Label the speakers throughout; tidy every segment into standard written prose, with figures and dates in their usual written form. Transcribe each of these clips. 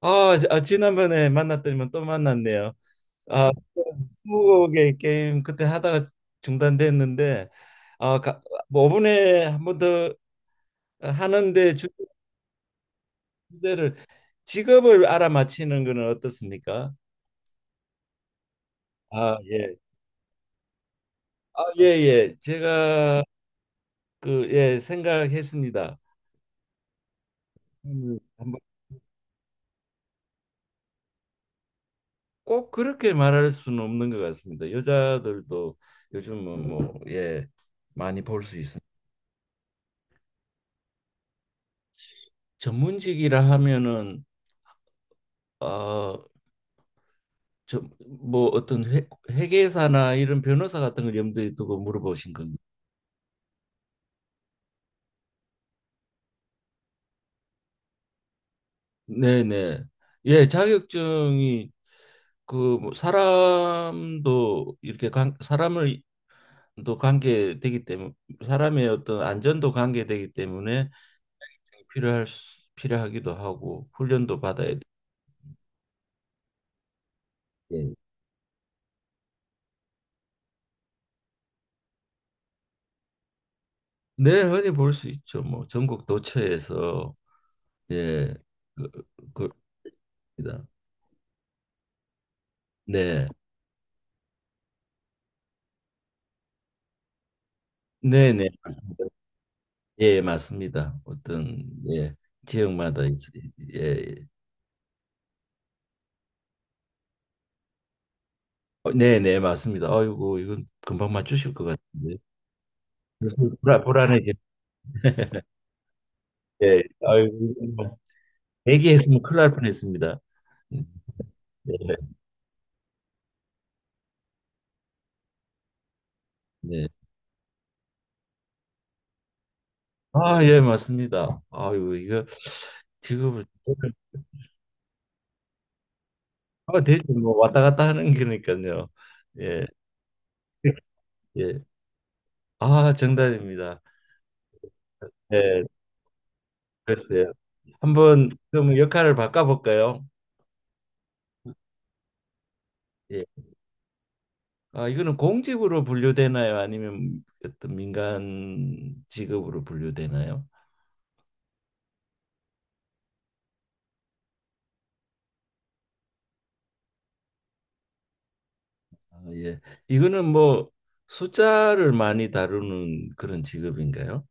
Speaker 1: 지난번에 만났더니만 또 만났네요. 아, 스무고개 게임 그때 하다가 중단됐는데, 아, 가, 뭐 5분에 한 번 더 하는데 주제를 직업을 알아맞히는 거는 어떻습니까? 아, 예. 아, 예, 예. 제가 예, 생각했습니다. 한번 꼭 그렇게 말할 수는 없는 것 같습니다. 여자들도 요즘은 뭐, 예, 많이 볼 수 있습니다. 전문직이라 하면은 아, 저뭐 어떤 회, 회계사나 이런 변호사 같은 걸 염두에 두고 물어보신 건가요? 네네. 예, 자격증이 그뭐 사람도 이렇게 사람을 또 관계되기 때문에 사람의 어떤 안전도 관계되기 때문에 필요하기도 하고 훈련도 받아야 돼. 예. 네, 흔히 볼 수 있죠. 뭐 전국 도처에서 예, 그, 그렇습니다. 네, 네, 네. 예, 맞습니다. 어떤 예, 지역마다 있, 예. 어, 네, 네, 맞습니다. 아이고, 이건 금방 맞추실 것 같은데. 벌써 불안해지네. 예, 아이고, 이건 얘기했으면 큰일 날 뻔했습니다. 네, 네. 아, 예, 맞습니다. 아이고, 이거 지금 아, 대체 뭐 왔다 갔다 하는 거니까요. 예, 예. 아, 정답입니다. 예, 글쎄요. 한번 좀 역할을 바꿔볼까요? 예. 아, 이거는 공직으로 분류되나요? 아니면 어떤 민간 직업으로 분류되나요? 아, 예. 이거는 뭐 숫자를 많이 다루는 그런 직업인가요?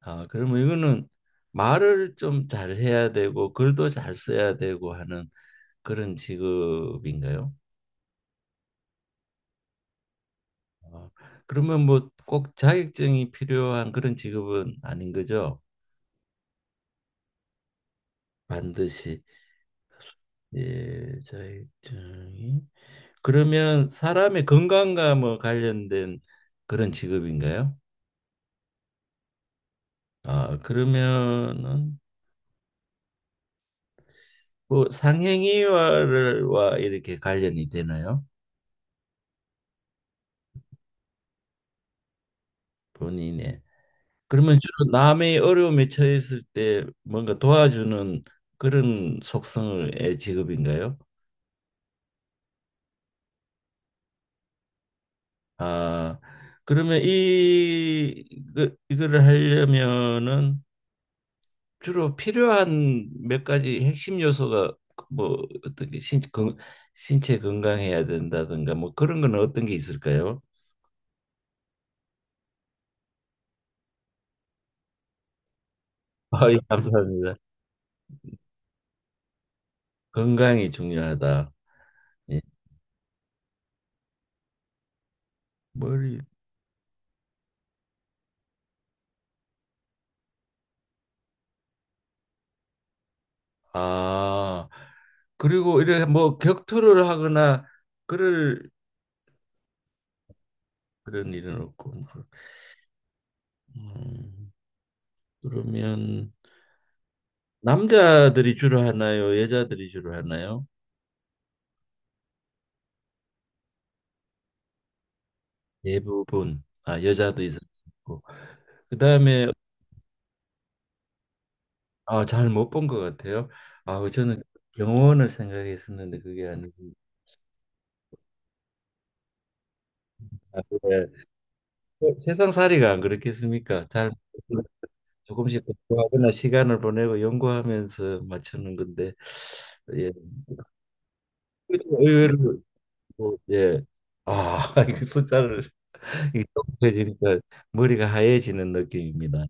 Speaker 1: 아, 그러면 이거는 말을 좀 잘해야 되고 글도 잘 써야 되고 하는 그런 직업인가요? 아, 그러면 뭐 꼭 자격증이 필요한 그런 직업은 아닌 거죠? 반드시 예, 자격증이 그러면 사람의 건강과 뭐 관련된 그런 직업인가요? 아, 그러면은 뭐 상행위와 이렇게 관련이 되나요? 본인의. 그러면 주로 남의 어려움에 처했을 때 뭔가 도와주는 그런 속성의 직업인가요? 아, 그러면 이거를 하려면은 주로 필요한 몇 가지 핵심 요소가 뭐 어떤 게 신체 건강해야 된다든가 뭐 그런 건 어떤 게 있을까요? 아, 예, 감사합니다. 건강이 중요하다. 예. 머리. 아, 그리고 이래 뭐 격투를 하거나 그럴 그런 일은 없고. 음, 그러면 남자들이 주로 하나요? 여자들이 주로 하나요? 대부분. 아, 여자도 있었고. 그다음에 아, 잘 못 본 것 같아요. 아, 그 저는 영혼을 생각했었는데 그게 아니고 아, 그래. 어, 세상 살이가 안 그렇겠습니까? 잘 조금씩 공부하거나 시간을 보내고 연구하면서 맞추는 건데 예, 의외로 뭐, 예, 아, 이 숫자를 이해지니까 머리가 하얘지는 느낌입니다.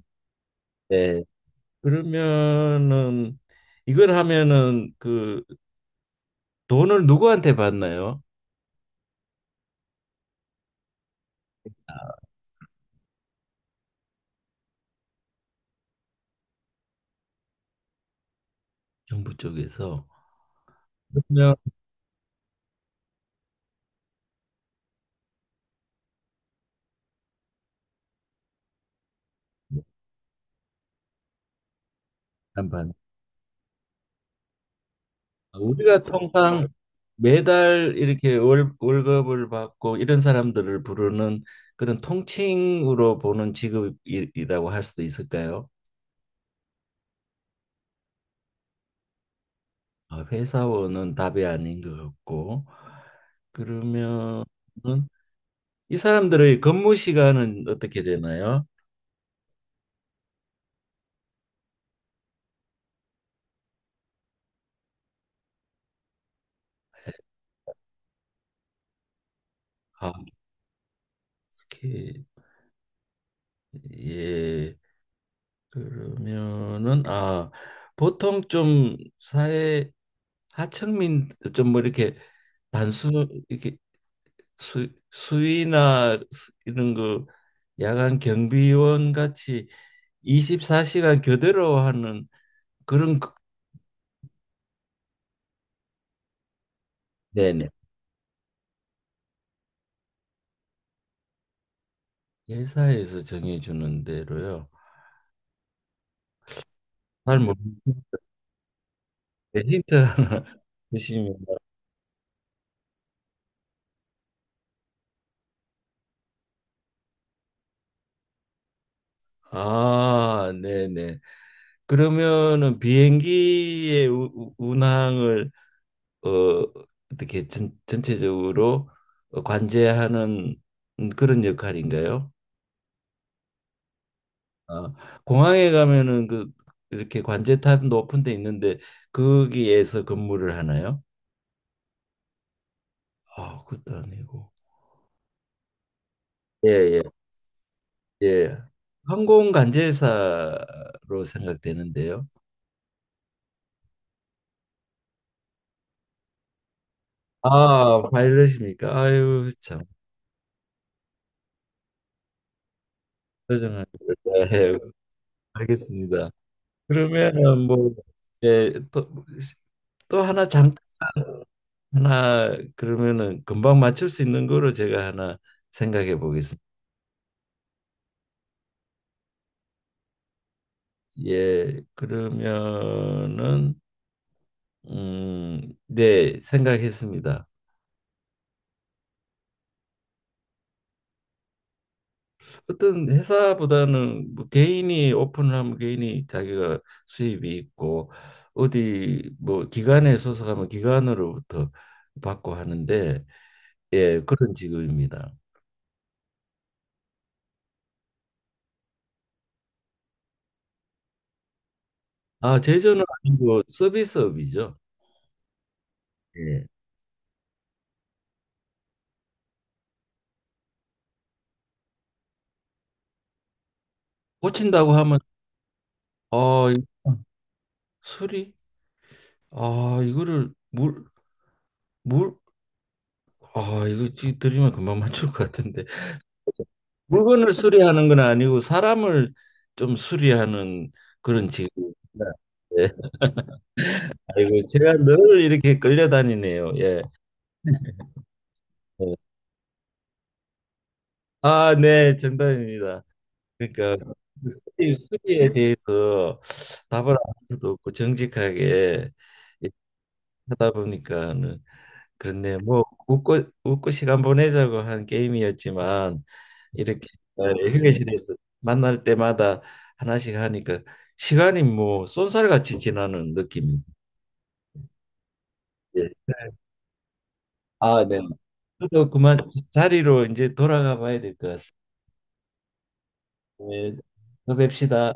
Speaker 1: 예, 그러면은 이걸 하면은 그 돈을 누구한테 받나요? 정부 쪽에서? 그러면 한반 우리가 통상 매달 이렇게 월급을 받고 이런 사람들을 부르는 그런 통칭으로 보는 직업이라고 할 수도 있을까요? 아, 회사원은 답이 아닌 것 같고 그러면은 이 사람들의 근무 시간은 어떻게 되나요? 아, 이렇게 예 그러면은 아 보통 좀 사회 하층민 좀 뭐 이렇게 단순 이렇게 이런 그 야간 경비원 같이 24시간 교대로 하는 그런 그- 네네. 회사에서 정해주는 대로요. 잘 모르겠는데 힌트 하나 주시면 아, 네네. 그러면은 비행기의 운항을 어, 어떻게 전체적으로 관제하는 그런 역할인가요? 아, 공항에 가면은 그 이렇게 관제탑 높은 데 있는데 거기에서 근무를 하나요? 아, 그것도 아니고. 예, 예, 예. 항공 관제사로 생각되는데요. 아, 파일럿입니까? 아유, 참. 표정을. 네, 알겠습니다. 그러면은 뭐, 예, 또, 또 하나, 그러면은 금방 맞출 수 있는 거로 제가 하나 생각해 보겠습니다. 예, 그러면은 네, 생각했습니다. 어떤 회사보다는 뭐 개인이 오픈을 하면 개인이 자기가 수입이 있고 어디 뭐 기관에 소속하면 기관으로부터 받고 하는데 예, 그런 직업입니다. 아, 제조는 아니고 서비스업이죠. 예. 고친다고 하면 아, 이- 수리? 아, 이거를 물 물 아, 이거 지- 드리면 금방 맞출 것 같은데. 물건을 수리하는 건 아니고 사람을 좀 수리하는 그런 직업입니다. 예. 아이고, 제가 늘 이렇게 끌려다니네요. 예. 예. 아, 네, 정답입니다. 그러니까 그 수리에 대해서 답을 안수도 없고 정직하게 예, 하다 보니까는 그런데 뭐 웃고 웃고 시간 보내자고 한 게임이었지만 이렇게 어, 휴게실에서 만날 때마다 하나씩 하니까 시간이 뭐 쏜살같이 지나는 느낌이. 예. 아, 네. 저도 그만 자리로 이제 돌아가 봐야 될 것 같습니다. 네, 또 뵙시다.